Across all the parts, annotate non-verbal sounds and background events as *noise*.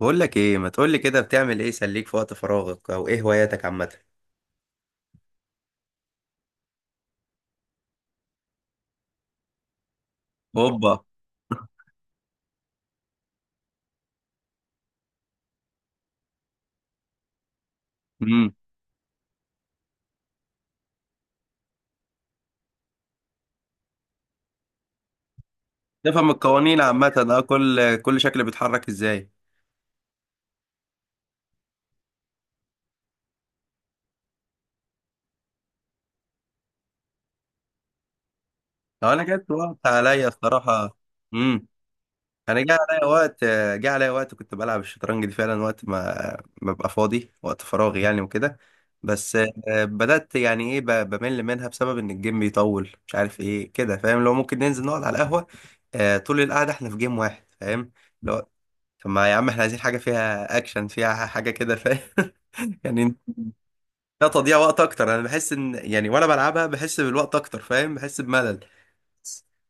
بقول لك ايه؟ ما تقول لي كده، بتعمل ايه يسليك في وقت فراغك او ايه هواياتك عامه؟ اوبا. امم. تفهم القوانين عامه، اه كل شكل بيتحرك ازاي. اه انا جت وقت عليا الصراحه. امم. انا جه عليا وقت. جه عليا وقت كنت بلعب الشطرنج دي فعلا، وقت ما ببقى فاضي، وقت فراغي يعني وكده. بس بدأت يعني ايه، بمل منها بسبب ان الجيم بيطول، مش عارف ايه كده فاهم؟ لو ممكن ننزل نقعد على القهوة، طول القعدة احنا في جيم واحد فاهم. لو طب ما يا عم، احنا عايزين حاجة فيها اكشن، فيها حاجة كده فاهم؟ *laughs* يعني لا تضييع وقت اكتر. انا بحس ان يعني وانا بلعبها بحس بالوقت اكتر فاهم، بحس بملل.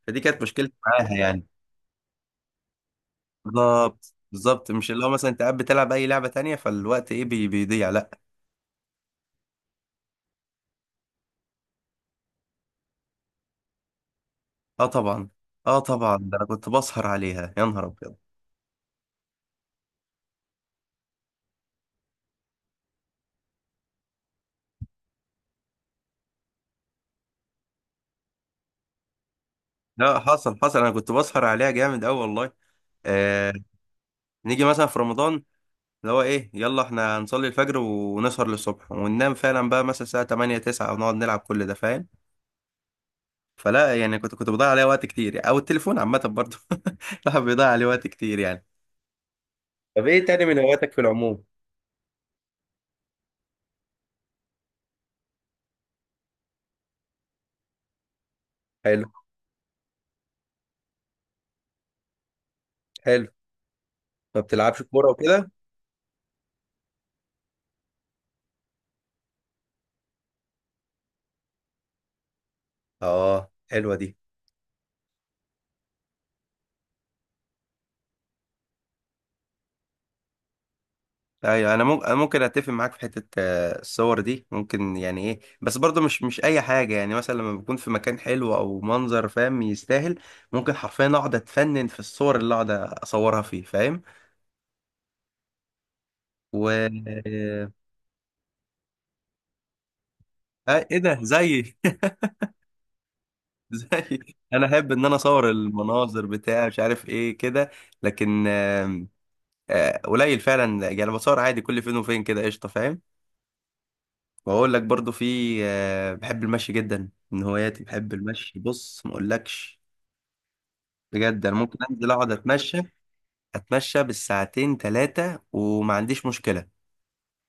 فدي كانت مشكلتي معاها يعني. بالظبط بالظبط. مش اللي هو مثلا انت قاعد بتلعب اي لعبة تانية، فالوقت ايه بيضيع، لا. اه طبعا. اه طبعا، ده انا كنت بسهر عليها يا نهار ابيض. لا حصل حصل، انا كنت بسهر عليها جامد قوي والله. آه. نيجي مثلا في رمضان، اللي هو ايه، يلا احنا هنصلي الفجر ونسهر للصبح وننام فعلا بقى مثلا الساعه 8 9 ونقعد نلعب كل ده فاهم. فلا يعني كنت بضيع عليه وقت كتير يعني. او التليفون عامه برضه. *laughs* الواحد بيضيع عليه وقت كتير يعني. طب ايه تاني من هواياتك في العموم؟ حلو. حلو. ما بتلعبش كوره وكده؟ اه حلوه دي. ايوه انا ممكن، ممكن اتفق معاك في حته، الصور دي ممكن يعني ايه، بس برضه مش اي حاجه، يعني مثلا لما بكون في مكان حلو او منظر فاهم يستاهل، ممكن حرفيا اقعد اتفنن في الصور اللي اقعد اصورها فيه فاهم. و ايه ده، زي *laughs* زي، انا احب ان انا اصور المناظر بتاع مش عارف ايه كده، لكن قليل فعلا يعني، بصور عادي كل فين وفين كده قشطه فاهم. واقول لك برضو في، بحب المشي جدا، من هواياتي بحب المشي، بص ما اقولكش، بجد انا ممكن انزل اقعد اتمشى، اتمشى بالساعتين ثلاثه وما عنديش مشكله،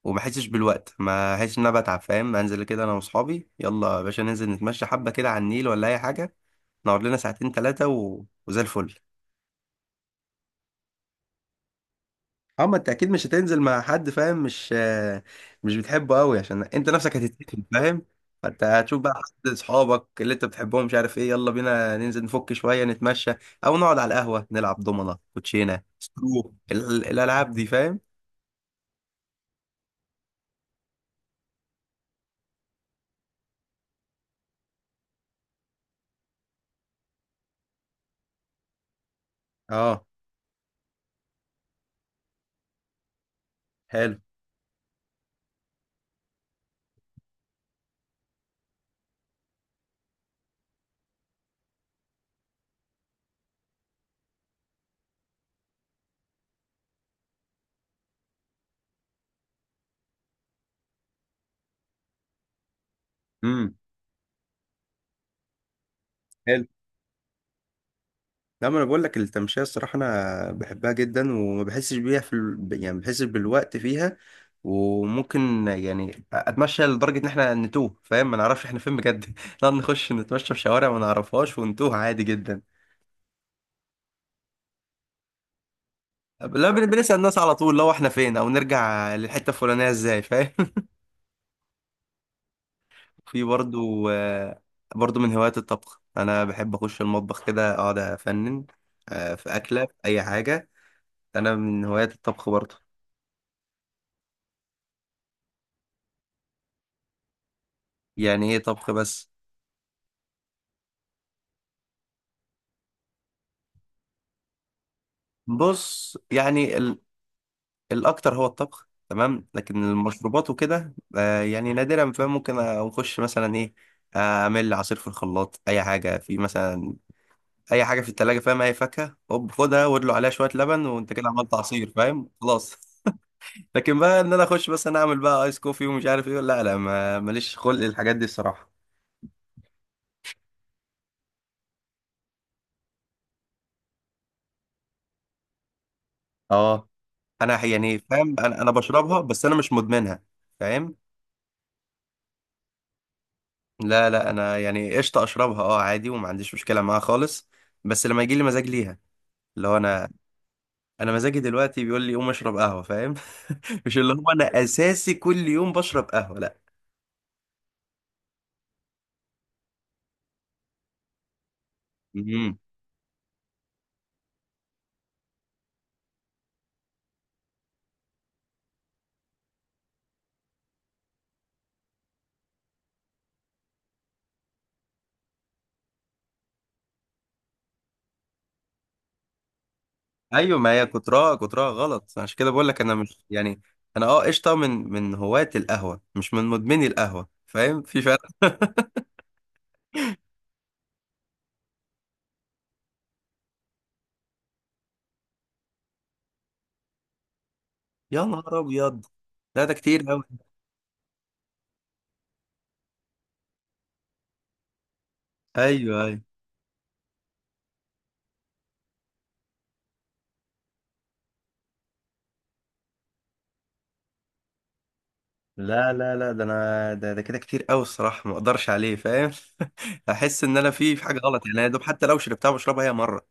وما احسش بالوقت، ما احسش ان انا بتعب فاهم. انزل كده انا واصحابي، يلا يا باشا ننزل نتمشى حبه كده على النيل ولا اي حاجه، نقعد لنا ساعتين ثلاثة و... وزي الفل. اه ما انت اكيد مش هتنزل مع حد فاهم، مش مش بتحبه قوي، عشان انت نفسك هتتقفل فاهم. فانت هتشوف بقى حد اصحابك اللي انت بتحبهم، مش عارف ايه، يلا بينا ننزل نفك شوية نتمشى، او نقعد على القهوة نلعب دومنة كوتشينة سكرو، الالعاب دي فاهم. اه حلو. امم. لا ما انا بقول لك التمشيه الصراحه انا بحبها جدا، وما بحسش بيها في ال... يعني ما بحسش بالوقت فيها، وممكن يعني اتمشى لدرجه ان احنا نتوه فاهم، ما نعرفش احنا فين بجد. *laughs* نقعد نخش نتمشى في شوارع ما نعرفهاش ونتوه عادي جدا. لا، بنسال الناس على طول لو احنا فين، او نرجع للحته الفلانيه ازاي فاهم. *laughs* في برضو، برضو من هوايات الطبخ، انا بحب اخش المطبخ كده اقعد افنن، في اكله في اي حاجه. انا من هوايات الطبخ برضو. يعني ايه طبخ بس؟ بص يعني ال... الاكتر هو الطبخ تمام، لكن المشروبات وكده آه يعني نادرا فاهم. ممكن اخش مثلا ايه، اعمل عصير في الخلاط، اي حاجه في مثلا، اي حاجه في التلاجة فاهم، اي فاكهه هوب خدها وادلو عليها شويه لبن وانت كده عملت عصير فاهم خلاص. *laughs* لكن بقى ان انا اخش مثلا اعمل بقى ايس كوفي ومش عارف ايه، لا لا ما ماليش خلق الحاجات دي الصراحه. اه انا يعني فاهم، انا بشربها بس انا مش مدمنها فاهم. لا لا انا يعني قشطه اشربها اه عادي وما عنديش مشكله معاها خالص، بس لما يجي لي مزاج ليها، اللي هو انا، انا مزاجي دلوقتي بيقول لي قوم اشرب قهوه فاهم. *laughs* مش اللي هو انا اساسي كل يوم بشرب قهوه، لا. امم. ايوه ما هي كترها، كترها غلط، عشان كده بقول لك انا مش يعني، انا اه قشطه من هواة القهوه، مش من مدمني القهوه فاهم، في فرق. يا نهار ابيض. لا ده كتير قوي. ايوه ايوه. لا لا لا ده انا ده كده كتير قوي الصراحه، ما اقدرش عليه فاهم. *laughs* احس ان انا في حاجه غلط، يعني انا يا دوب حتى لو شربتها بشربها هي مره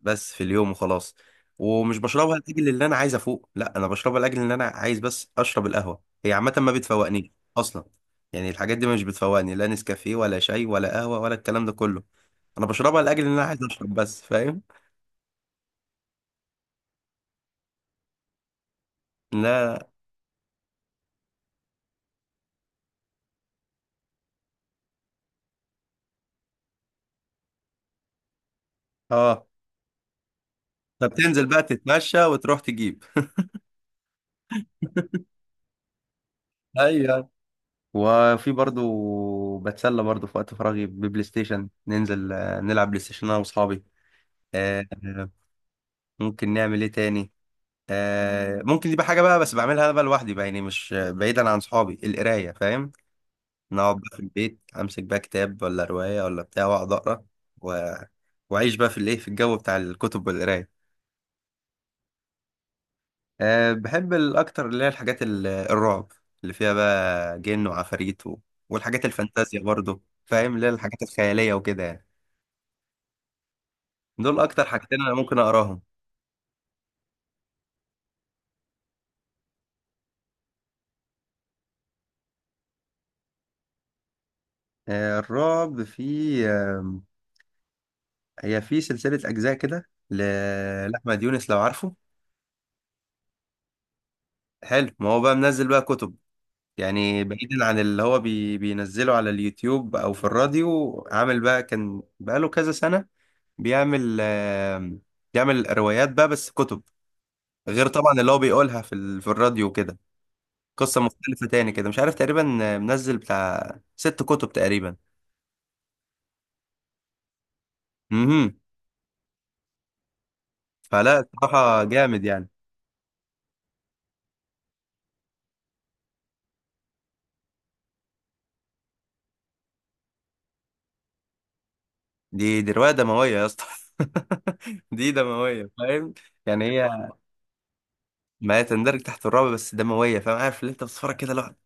بس في اليوم وخلاص. ومش بشربها لاجل اللي انا عايز افوق، لا، انا بشربها لاجل ان انا عايز بس اشرب القهوه، هي عامه ما بتفوقنيش اصلا. يعني الحاجات دي مش بتفوقني، لا نسكافيه ولا شاي ولا قهوه ولا الكلام ده كله، انا بشربها لاجل ان انا عايز اشرب بس فاهم. لا. اه طب تنزل بقى تتمشى وتروح تجيب. *laughs* ايوه. وفي برضو بتسلى برضو في وقت فراغي ببلاي ستيشن، ننزل نلعب بلاي ستيشن انا واصحابي. آه، آه، ممكن نعمل ايه تاني، ممكن دي بقى حاجه بقى بس بعملها انا بقى لوحدي بقى يعني مش بعيدا عن صحابي القرايه فاهم. نقعد بقى في البيت، امسك بقى كتاب ولا روايه ولا بتاع واقعد اقرا، و... واعيش بقى في الايه، في الجو بتاع الكتب والقرايه. أه بحب الاكتر اللي هي الحاجات الرعب، اللي فيها بقى جن وعفاريت و... والحاجات الفانتازيا برضو فاهم، اللي هي الحاجات الخياليه وكده يعني. دول اكتر حاجتين انا ممكن اقراهم. الرعب في هي في سلسلة اجزاء كده، لاحمد يونس لو عارفه. حلو. ما هو بقى منزل بقى كتب، يعني بعيدا عن اللي هو بينزله على اليوتيوب او في الراديو، عامل بقى كان بقاله كذا سنة بيعمل بيعمل روايات بقى، بس كتب، غير طبعا اللي هو بيقولها في ال- في الراديو كده. قصة مختلفة تاني كده مش عارف، تقريبا منزل بتاع ست كتب تقريبا. امم. فلا الصراحة جامد يعني. دي رواية دموية يا اسطى. *laughs* دي دموية فاهم. يعني هي، ما تندرج تحت الرعب بس دموية فاهم، عارف اللي انت بتتفرج كده لوحدك،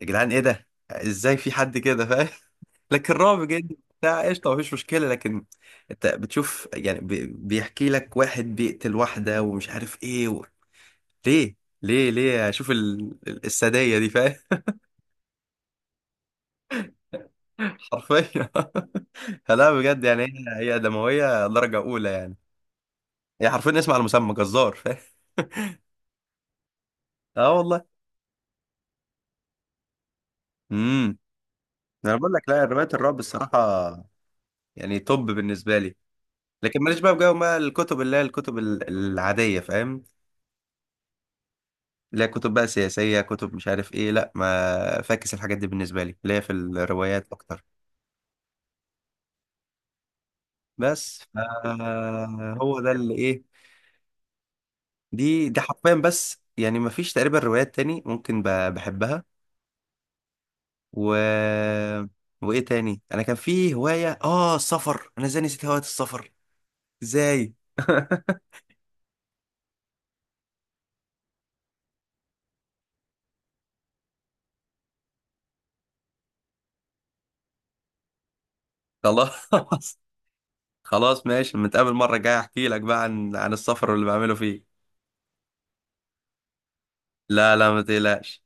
يا جدعان ايه ده ازاي في حد كده فاهم. *laughs* لكن رعب جدا بتاع قشطة مفيش مشكلة، لكن انت بتشوف يعني، بيحكي لك واحد بيقتل واحدة ومش عارف ايه و... ليه؟ ليه ليه اشوف ال... السادية دي فاهم؟ *laughs* حرفيا. *laughs* لا بجد يعني هي دموية درجة أولى يعني. هي حرفيا اسم على المسمى جزار فاهم. *laughs* اه والله. امم. انا بقول لك لا، روايات الرعب الصراحه يعني توب بالنسبه لي، لكن ماليش بقى في جو بقى الكتب اللي هي الكتب العاديه فاهم، اللي هي كتب بقى سياسيه، كتب مش عارف ايه، لا ما فاكس الحاجات دي بالنسبه لي، اللي هي في الروايات اكتر. بس هو ده اللي ايه، دي حرفيا بس، يعني ما فيش تقريبا روايات تاني ممكن بحبها. و، وايه تاني، انا كان في هوايه اه السفر، انا ازاي نسيت هوايه السفر ازاي؟ *laughs* خلاص. خلاص ماشي، نتقابل مرة جاية احكي لك بقى عن عن السفر واللي بعمله فيه. لا لا ما تقلقش.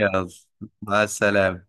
يلا. مع السلامة.